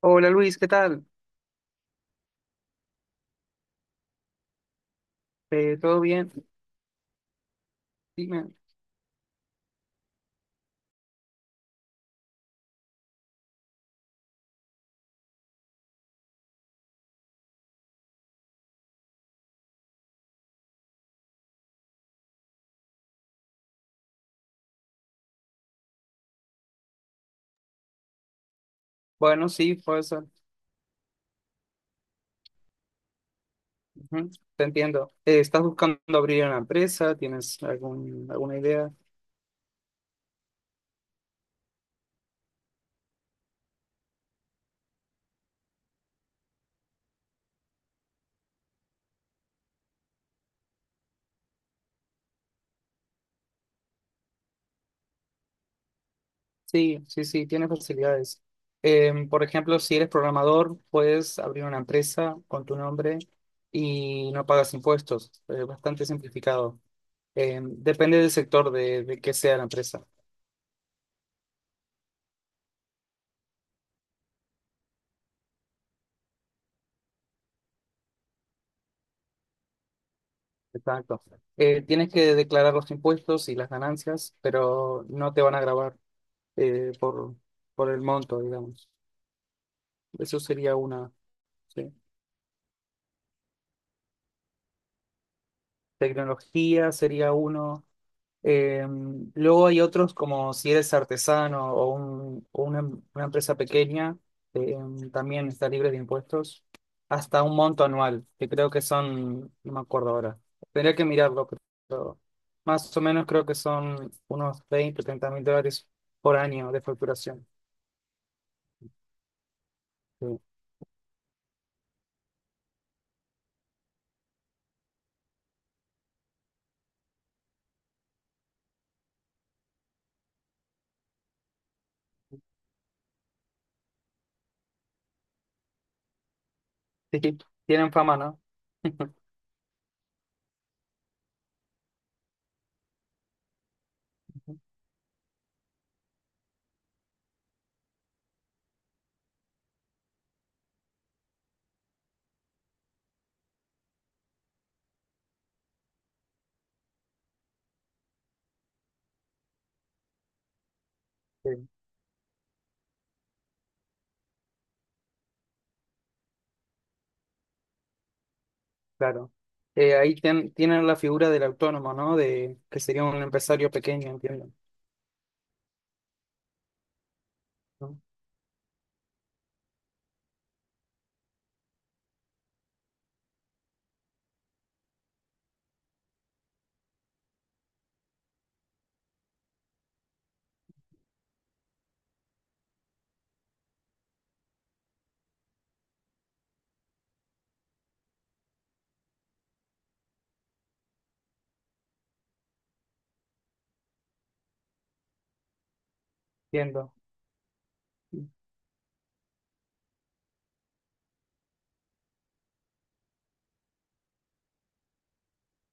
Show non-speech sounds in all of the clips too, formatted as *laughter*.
Hola Luis, ¿qué tal? ¿Todo bien? Dime. Bueno, sí, pues, eso. Ujú. Te entiendo. ¿Estás buscando abrir una empresa? ¿Tienes alguna idea? Sí, sí, sí, tienes facilidades. Por ejemplo, si eres programador, puedes abrir una empresa con tu nombre y no pagas impuestos. Es bastante simplificado. Depende del sector de que sea la empresa. Exacto. Tienes que declarar los impuestos y las ganancias, pero no te van a grabar, eh, por, por el monto, digamos. Eso sería una, ¿Sí? Tecnología sería uno. Eh, Luego hay otros como si eres artesano o una empresa pequeña, eh, también está libre de impuestos, hasta un monto anual, que creo que son, no me acuerdo ahora, tendría que mirarlo, pero más o menos creo que son unos 20 o 30 mil dólares por año de facturación. Sí. Sí, sí. Tienen fama, ¿no? *laughs* Sí. Claro. Ahí tienen la figura del autónomo, ¿no? De que sería un empresario pequeño, entiendo, ¿no? Entiendo,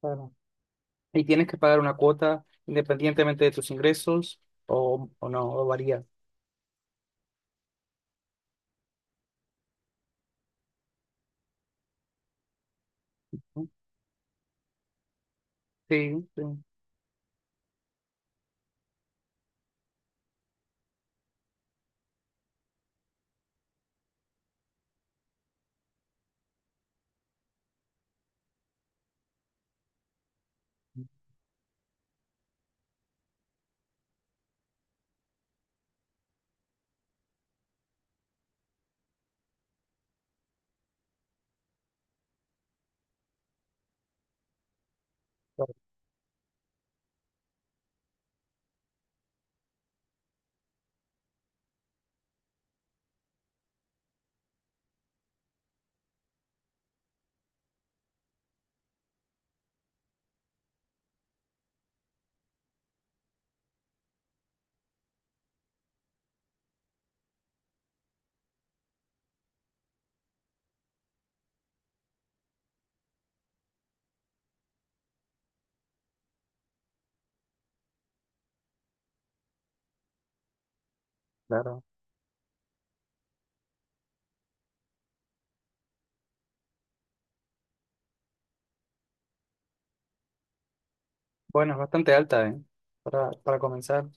claro. Y tienes que pagar una cuota independientemente de tus ingresos o no, o varía. ¿No? Sí, sí, claro. Claro. Bueno, es bastante alta, ¿eh? Para comenzar.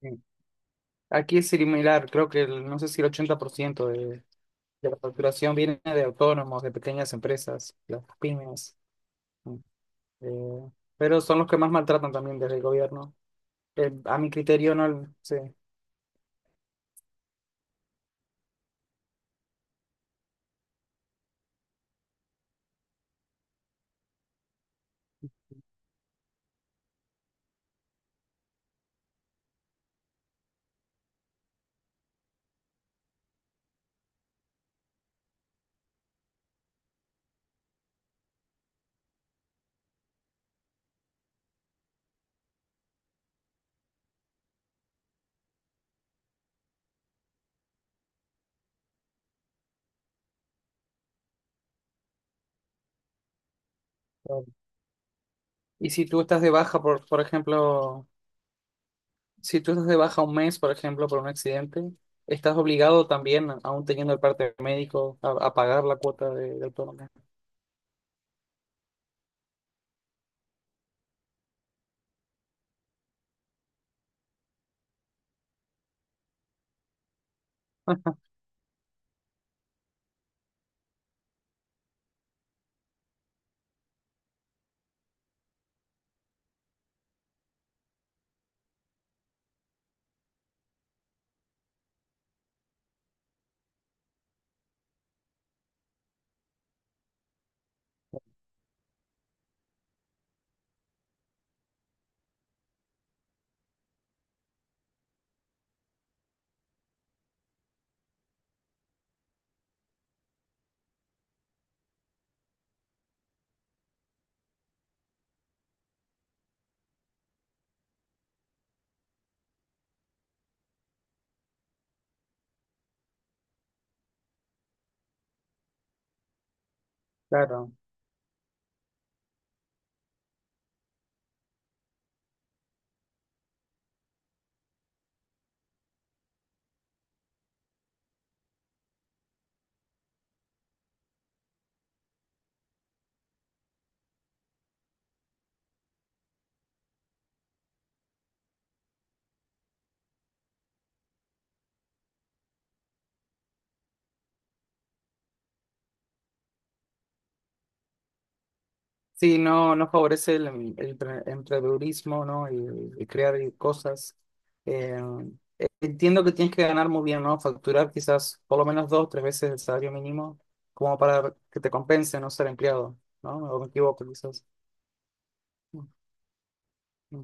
Sí. Aquí es similar, creo que no sé si el 80% de la facturación viene de autónomos, de pequeñas empresas, las pymes. mm, eh, pero son los que más maltratan también desde el gobierno. A mi criterio, no, sí. Claro. Y si tú estás de baja, por ejemplo, si tú estás de baja un mes, por ejemplo, por un accidente, estás obligado también, aún teniendo el parte médico, a pagar la cuota de autónomo. *laughs* Claro. Sí, no, no favorece el emprendedurismo, ¿no? Y crear y cosas. Eh, Entiendo que tienes que ganar muy bien, ¿no? Facturar quizás por lo menos dos, tres veces el salario mínimo, como para que te compense no ser empleado, ¿no? O me equivoco, quizás. Mm, mm.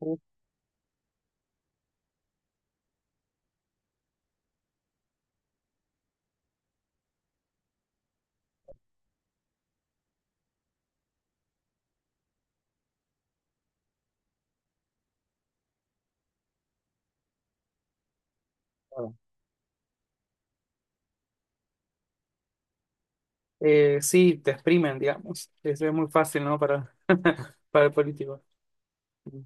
Uh, claro. Sí, te exprimen, digamos. *laughs* Es muy fácil, ¿no? Para, *laughs* para el político. Mm.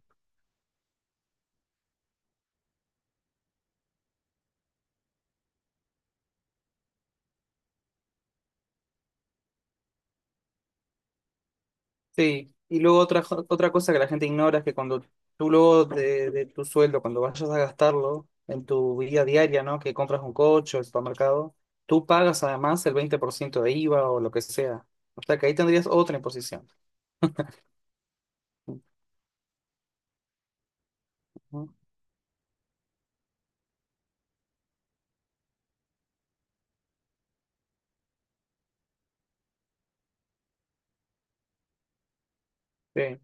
Sí, y luego otra cosa que la gente ignora es que cuando tú luego de tu sueldo, cuando vayas a gastarlo en tu vida diaria, ¿no? Que compras un coche o el supermercado, tú pagas además el 20% de IVA o lo que sea. O sea que ahí tendrías otra imposición. Ujú. Sí,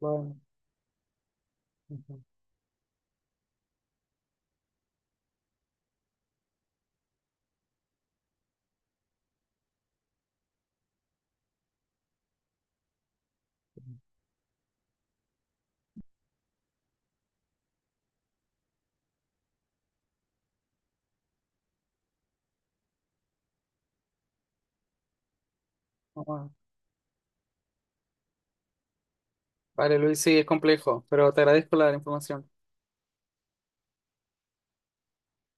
bueno. Ujú. Bueno. Vale, Luis, sí, es complejo, pero te agradezco la información.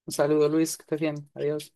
Un saludo, Luis, que estés bien. Adiós.